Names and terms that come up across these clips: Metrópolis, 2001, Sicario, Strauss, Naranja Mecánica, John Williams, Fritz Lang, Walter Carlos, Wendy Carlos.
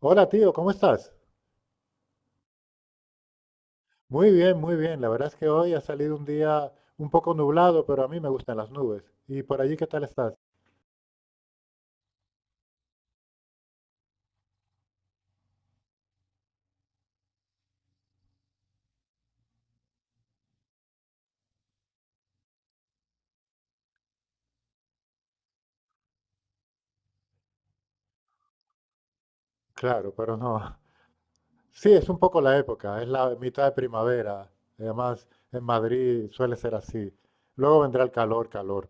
Hola tío, ¿cómo estás? Muy bien, muy bien. La verdad es que hoy ha salido un día un poco nublado, pero a mí me gustan las nubes. ¿Y por allí qué tal estás? Claro, pero no. Sí, es un poco la época, es la mitad de primavera. Además, en Madrid suele ser así. Luego vendrá el calor, calor.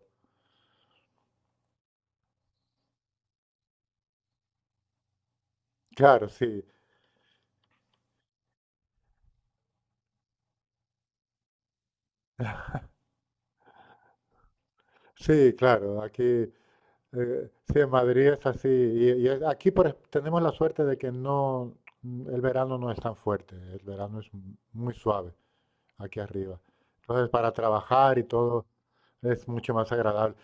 Claro, sí, sí, claro. Aquí, sí, en Madrid es así. Y aquí por, tenemos la suerte de que no, el verano no es tan fuerte, el verano es muy suave aquí arriba. Entonces, para trabajar y todo es mucho más agradable.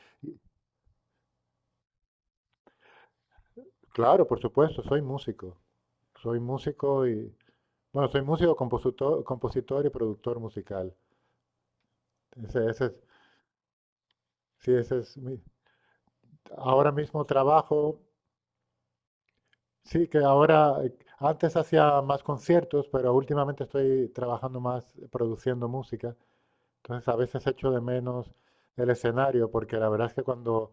Claro, por supuesto, soy músico. Soy músico y, bueno, soy músico, compositor, compositor y productor musical. Ese es, sí, ese es mi, ahora mismo trabajo, sí que ahora, antes hacía más conciertos, pero últimamente estoy trabajando más produciendo música. Entonces a veces echo de menos el escenario, porque la verdad es que cuando,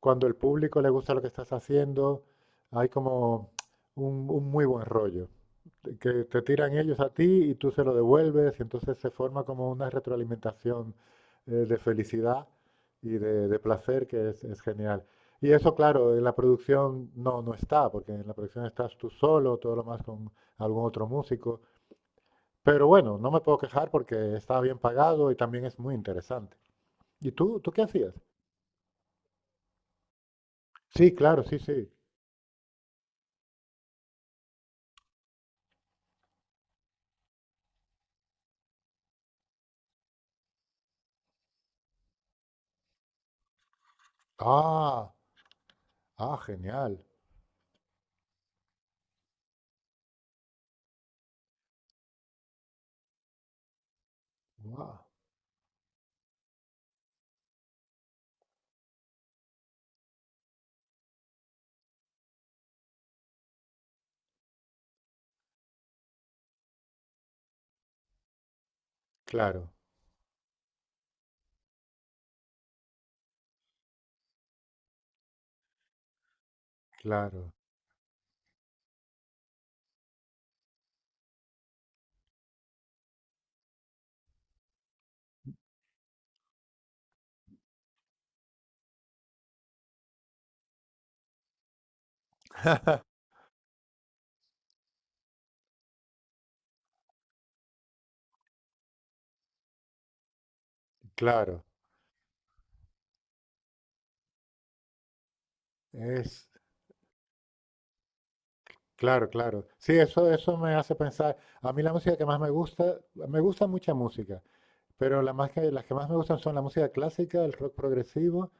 cuando el público le gusta lo que estás haciendo, hay como un muy buen rollo, de que te tiran ellos a ti y tú se lo devuelves, y entonces se forma como una retroalimentación de felicidad y de placer que es genial. Y eso, claro, en la producción no, no está, porque en la producción estás tú solo, todo lo más con algún otro músico. Pero bueno, no me puedo quejar porque estaba bien pagado y también es muy interesante. ¿Y tú qué hacías? Sí, claro, sí, sí. Ah, ah, genial. Guau. Claro, claro, claro. Es, claro, claro. Sí, eso me hace pensar. A mí la música que más me gusta mucha música, pero la más las que más me gustan son la música clásica, el rock progresivo,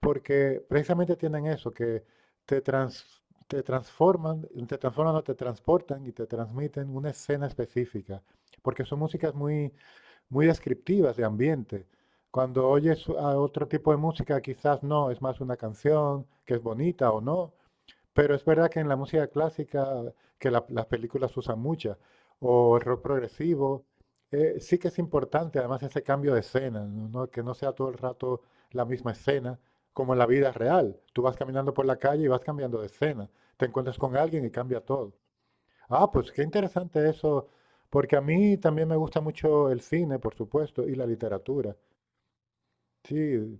porque precisamente tienen eso, que te trans- te transforman o te transportan y te transmiten una escena específica, porque son músicas muy, muy descriptivas de ambiente. Cuando oyes a otro tipo de música, quizás no, es más una canción que es bonita o no, pero es verdad que en la música clásica, que las películas usan muchas, o el rock progresivo, sí que es importante además ese cambio de escena, ¿no? Que no sea todo el rato la misma escena, como en la vida real. Tú vas caminando por la calle y vas cambiando de escena, te encuentras con alguien y cambia todo. Ah, pues qué interesante eso, porque a mí también me gusta mucho el cine, por supuesto, y la literatura. Sí,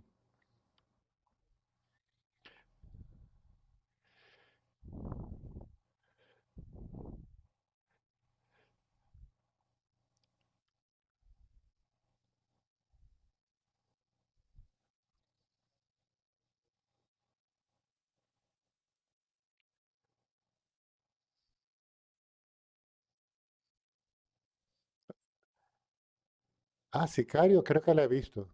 ah, Sicario creo que la he visto.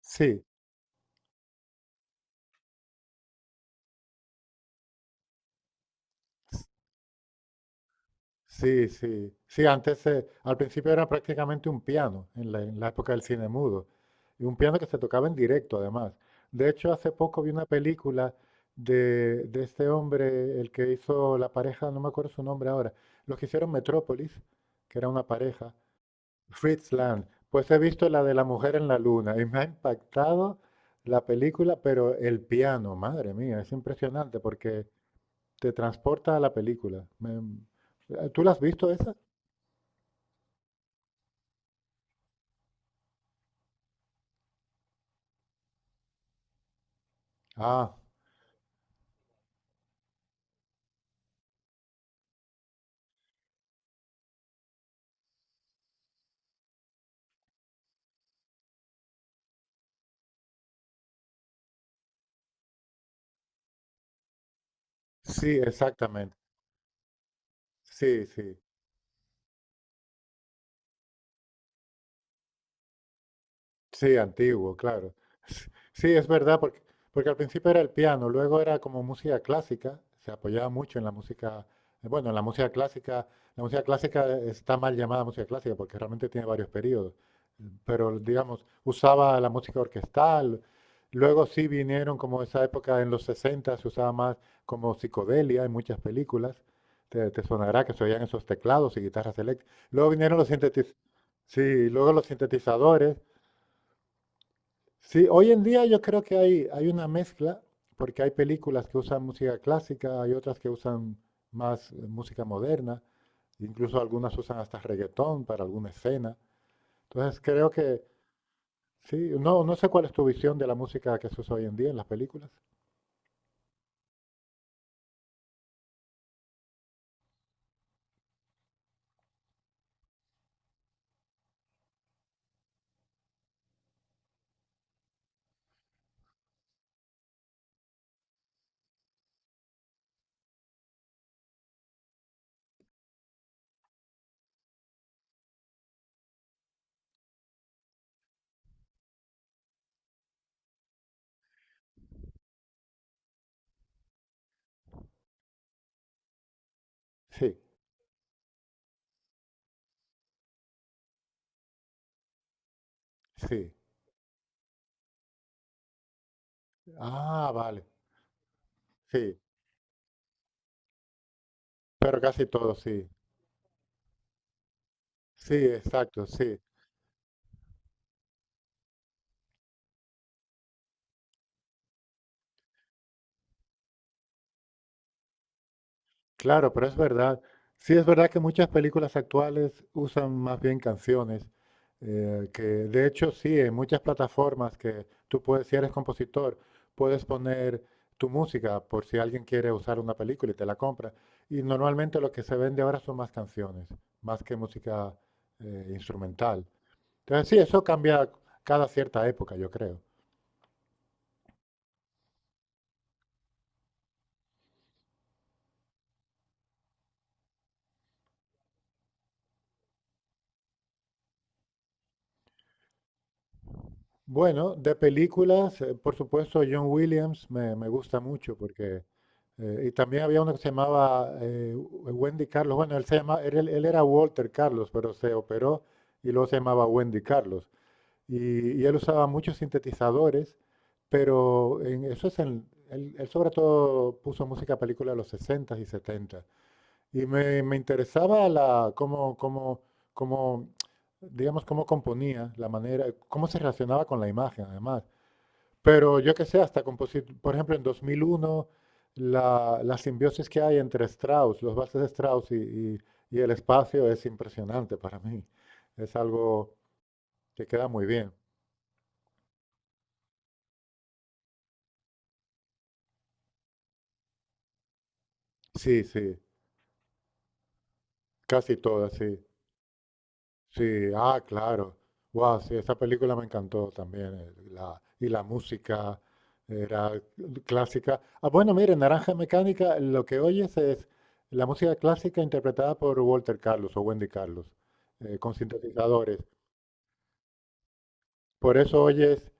Sí, sí, sí. Sí, antes, al principio era prácticamente un piano, en la época del cine mudo. Y un piano que se tocaba en directo, además. De hecho, hace poco vi una película de este hombre, el que hizo la pareja, no me acuerdo su nombre ahora, los que hicieron Metrópolis, que era una pareja, Fritz Lang. Pues he visto la de la mujer en la luna y me ha impactado la película, pero el piano, madre mía, es impresionante porque te transporta a la película. ¿Tú la has visto esa? Ah, sí, exactamente. Sí, sí. Sí, antiguo, claro. Sí, es verdad, porque, porque al principio era el piano, luego era como música clásica, se apoyaba mucho en la música, bueno, en la música clásica está mal llamada música clásica porque realmente tiene varios periodos, pero digamos, usaba la música orquestal, luego sí vinieron como esa época en los 60 se usaba más como psicodelia en muchas películas, te sonará que se oían esos teclados y guitarras eléctricas, luego vinieron los sí, luego los sintetizadores. Sí, hoy en día yo creo que hay una mezcla, porque hay películas que usan música clásica, hay otras que usan más música moderna, incluso algunas usan hasta reggaetón para alguna escena. Entonces creo que, sí, no, no sé cuál es tu visión de la música que se usa hoy en día en las películas. Sí, sí. Ah, vale. Sí, pero casi todo, sí. Sí, exacto, sí. Claro, pero es verdad. Sí, es verdad que muchas películas actuales usan más bien canciones, que de hecho sí, en muchas plataformas que tú puedes, si eres compositor, puedes poner tu música por si alguien quiere usar una película y te la compra. Y normalmente lo que se vende ahora son más canciones, más que música instrumental. Entonces sí, eso cambia cada cierta época, yo creo. Bueno, de películas, por supuesto, John Williams me gusta mucho porque… y también había uno que se llamaba Wendy Carlos. Bueno, él, se llama, él era Walter Carlos, pero se operó y luego se llamaba Wendy Carlos. Y él usaba muchos sintetizadores, pero en, eso es en, él sobre todo puso música a películas de los 60 y 70. Y me interesaba la, cómo, cómo, cómo, digamos, cómo componía, la manera, cómo se relacionaba con la imagen, además. Pero yo que sé, hasta por ejemplo, en 2001, la, la simbiosis que hay entre Strauss, los valses de Strauss y, y- y el espacio es impresionante para mí. Es algo que queda muy bien. Sí, sí, casi todas, sí. Sí, ah, claro. Wow, sí, esa película me encantó también. Y la música era clásica. Ah, bueno, mire, Naranja Mecánica, lo que oyes es la música clásica interpretada por Walter Carlos o Wendy Carlos, con sintetizadores. Por eso oyes,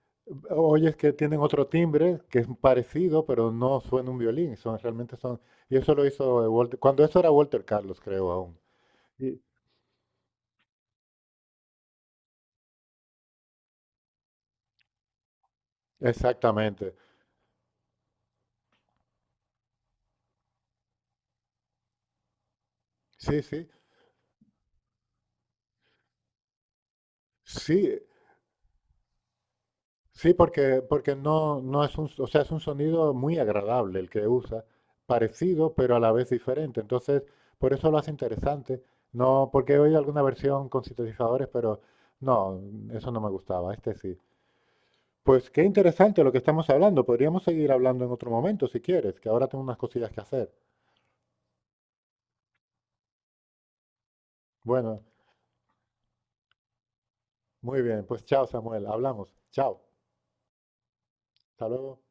oyes que tienen otro timbre que es parecido, pero no suena un violín. Son, realmente son. Y eso lo hizo Walter, cuando eso era Walter Carlos, creo aún. Y- Exactamente. Sí, sí. Sí, sí, porque, porque no, no es un, o sea, es un sonido muy agradable el que usa, parecido pero a la vez diferente. Entonces, por eso lo hace interesante. No, porque he oído alguna versión con sintetizadores, pero no, eso no me gustaba. Este sí. Pues qué interesante lo que estamos hablando. Podríamos seguir hablando en otro momento si quieres, que ahora tengo unas cosillas que hacer. Bueno, muy bien. Pues chao, Samuel. Hablamos. Chao. Hasta luego.